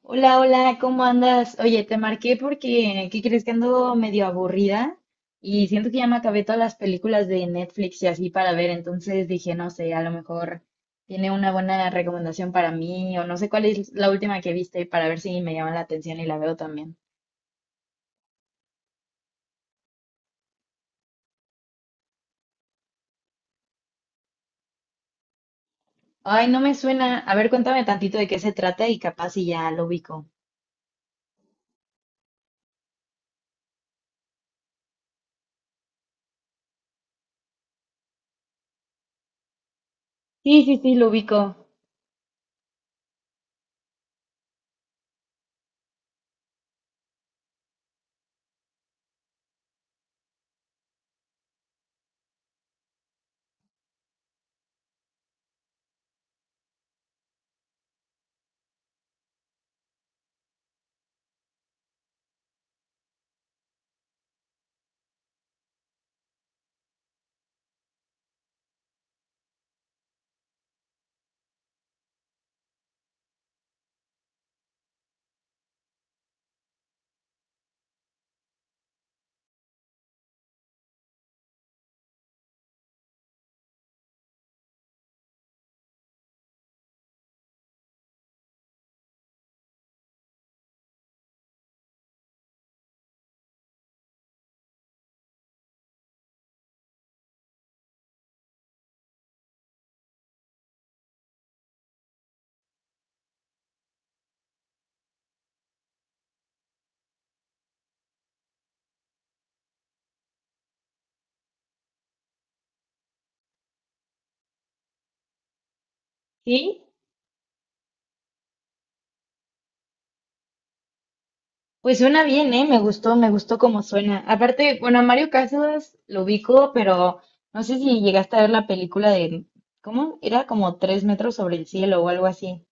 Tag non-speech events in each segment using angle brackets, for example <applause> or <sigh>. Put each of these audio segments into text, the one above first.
Hola, hola, ¿cómo andas? Oye, te marqué porque, ¿qué crees? Que ando medio aburrida. Y siento que ya me acabé todas las películas de Netflix y así para ver, entonces dije, no sé, a lo mejor tiene una buena recomendación para mí o no sé cuál es la última que viste para ver si me llama la atención y la veo también. Ay, no me suena. A ver, cuéntame tantito de qué se trata y capaz si ya lo ubico. Sí, sí, sí, lo ubico. ¿Sí? Pues suena bien, ¿eh? Me gustó cómo suena. Aparte, bueno, a Mario Casas lo ubico, pero no sé si llegaste a ver la película de, ¿cómo? Era como tres metros sobre el cielo o algo así.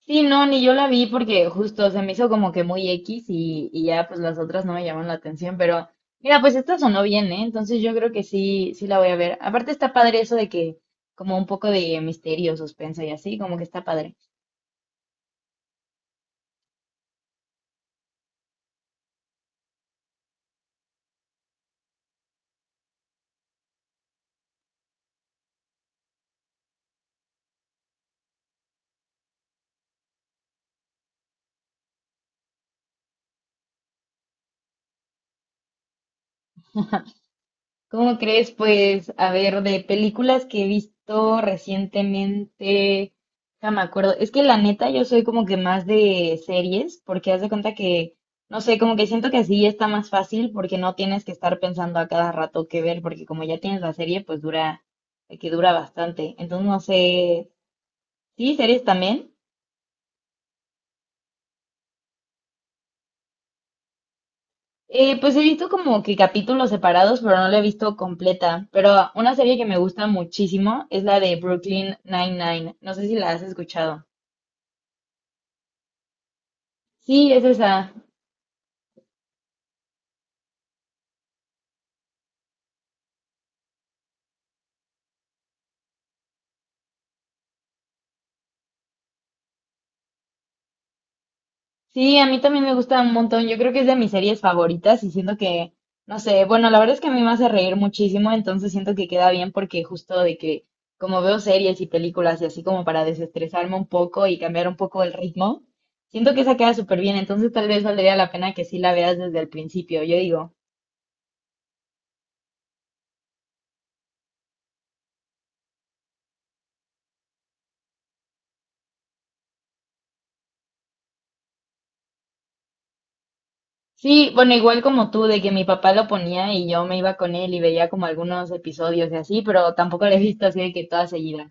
Sí, no, ni yo la vi porque justo se me hizo como que muy X y ya pues las otras no me llaman la atención, pero mira, pues esta sonó bien, ¿eh? Entonces yo creo que sí, sí la voy a ver. Aparte está padre eso de que como un poco de misterio, suspenso y así, como que está padre. ¿Cómo crees? Pues, a ver, de películas que he visto recientemente, ya me acuerdo. Es que la neta, yo soy como que más de series, porque haz de cuenta que, no sé, como que siento que así está más fácil, porque no tienes que estar pensando a cada rato qué ver, porque como ya tienes la serie, pues dura, que dura bastante. Entonces, no sé, sí, series también. Pues he visto como que capítulos separados, pero no la he visto completa. Pero una serie que me gusta muchísimo es la de Brooklyn Nine-Nine. No sé si la has escuchado. Sí, es esa. Sí, a mí también me gusta un montón. Yo creo que es de mis series favoritas y siento que, no sé, bueno, la verdad es que a mí me hace reír muchísimo, entonces siento que queda bien porque justo de que como veo series y películas y así como para desestresarme un poco y cambiar un poco el ritmo, siento que esa queda súper bien, entonces tal vez valdría la pena que sí la veas desde el principio, yo digo. Sí, bueno, igual como tú, de que mi papá lo ponía y yo me iba con él y veía como algunos episodios y así, pero tampoco lo he visto así de que toda seguida.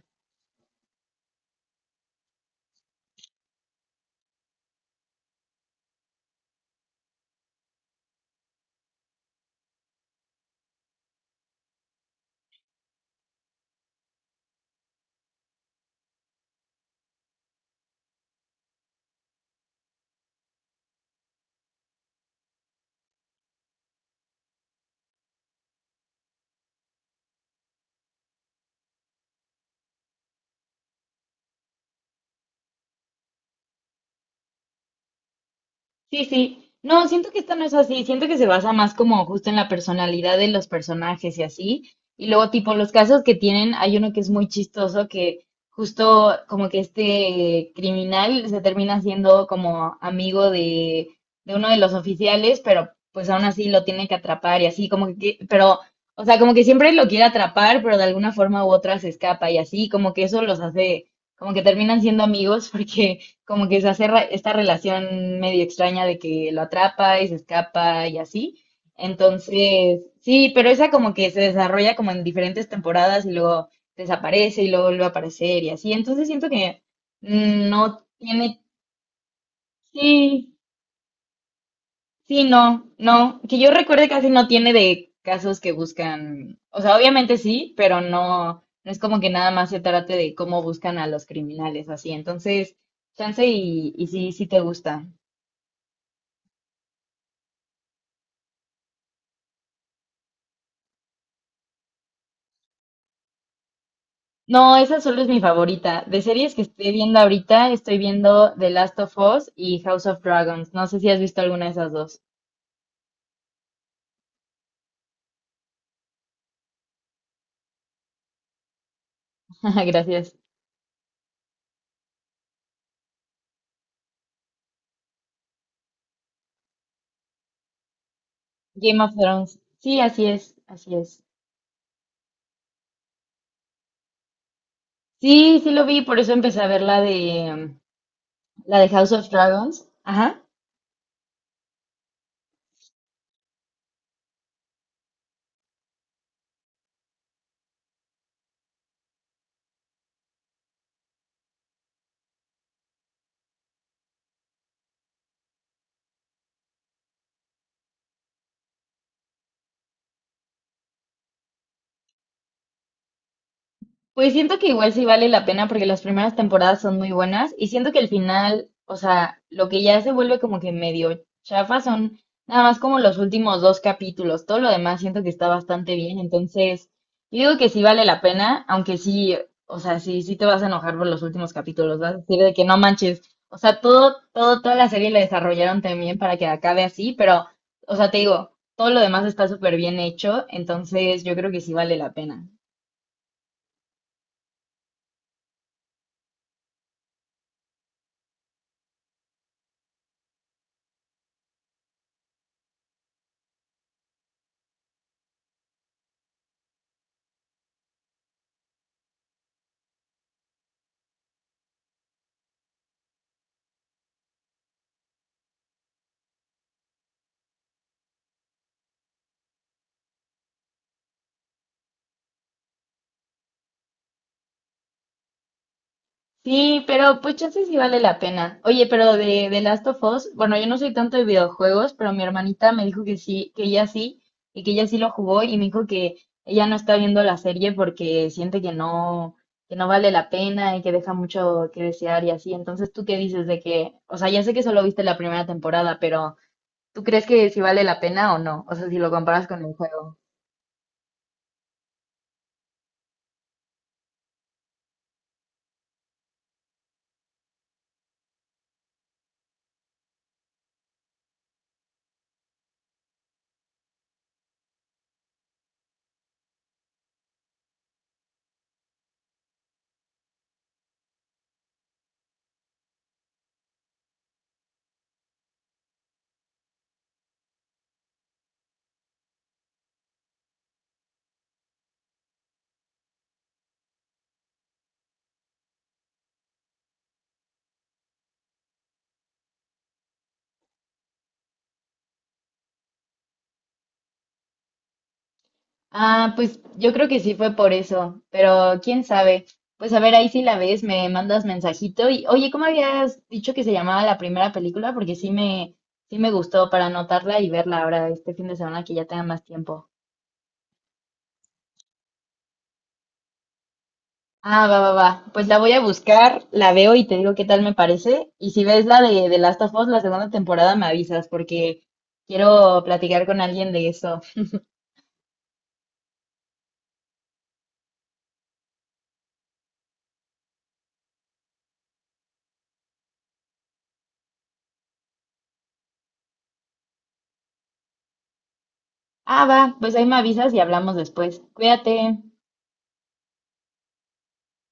Sí, sí. No, siento que esta no es así. Siento que se basa más como justo en la personalidad de los personajes y así. Y luego, tipo, los casos que tienen, hay uno que es muy chistoso, que justo como que este criminal se termina siendo como amigo de uno de los oficiales, pero pues aún así lo tiene que atrapar y así, como que, pero, o sea, como que siempre lo quiere atrapar, pero de alguna forma u otra se escapa y así, como que eso los hace, como que terminan siendo amigos <laughs> porque como que se hace esta relación medio extraña de que lo atrapa y se escapa y así. Entonces, sí, pero esa como que se desarrolla como en diferentes temporadas y luego desaparece y luego vuelve a aparecer y así. Entonces siento que no tiene, sí, sí, no, no, que yo recuerde casi no tiene de casos que buscan, o sea, obviamente sí, pero no, no es como que nada más se trate de cómo buscan a los criminales así. Entonces, chance y sí, sí te gusta. No, esa solo es mi favorita. De series que estoy viendo ahorita, estoy viendo The Last of Us y House of Dragons. No sé si has visto alguna de esas dos. <laughs> Gracias. Game of Thrones. Sí, así es, así es. Sí, sí lo vi, por eso empecé a ver la de la de House of Dragons. Ajá. Pues siento que igual sí vale la pena porque las primeras temporadas son muy buenas y siento que el final, o sea, lo que ya se vuelve como que medio chafa son nada más como los últimos dos capítulos. Todo lo demás siento que está bastante bien. Entonces, yo digo que sí vale la pena, aunque sí, o sea, sí, sí te vas a enojar por los últimos capítulos. Vas a decir de que no manches. O sea, todo, todo, toda la serie la desarrollaron también para que acabe así, pero, o sea, te digo, todo lo demás está súper bien hecho. Entonces, yo creo que sí vale la pena. Sí, pero pues chance sí vale la pena. Oye, pero de Last of Us, bueno, yo no soy tanto de videojuegos, pero mi hermanita me dijo que sí, que ella sí, y que ella sí lo jugó, y me dijo que ella no está viendo la serie porque siente que no vale la pena y que deja mucho que desear y así. Entonces, ¿tú qué dices de que, o sea, ya sé que solo viste la primera temporada, pero ¿tú crees que sí vale la pena o no? O sea, si lo comparas con el juego. Ah, pues yo creo que sí fue por eso, pero quién sabe. Pues a ver, ahí si la ves, me mandas mensajito y, oye, ¿cómo habías dicho que se llamaba la primera película? Porque sí me gustó para anotarla y verla ahora este fin de semana que ya tenga más tiempo. Ah, va, va, va. Pues la voy a buscar, la veo y te digo qué tal me parece. Y si ves la de The Last of Us, la segunda temporada, me avisas porque quiero platicar con alguien de eso. Ah, va, pues ahí me avisas y hablamos después. Cuídate.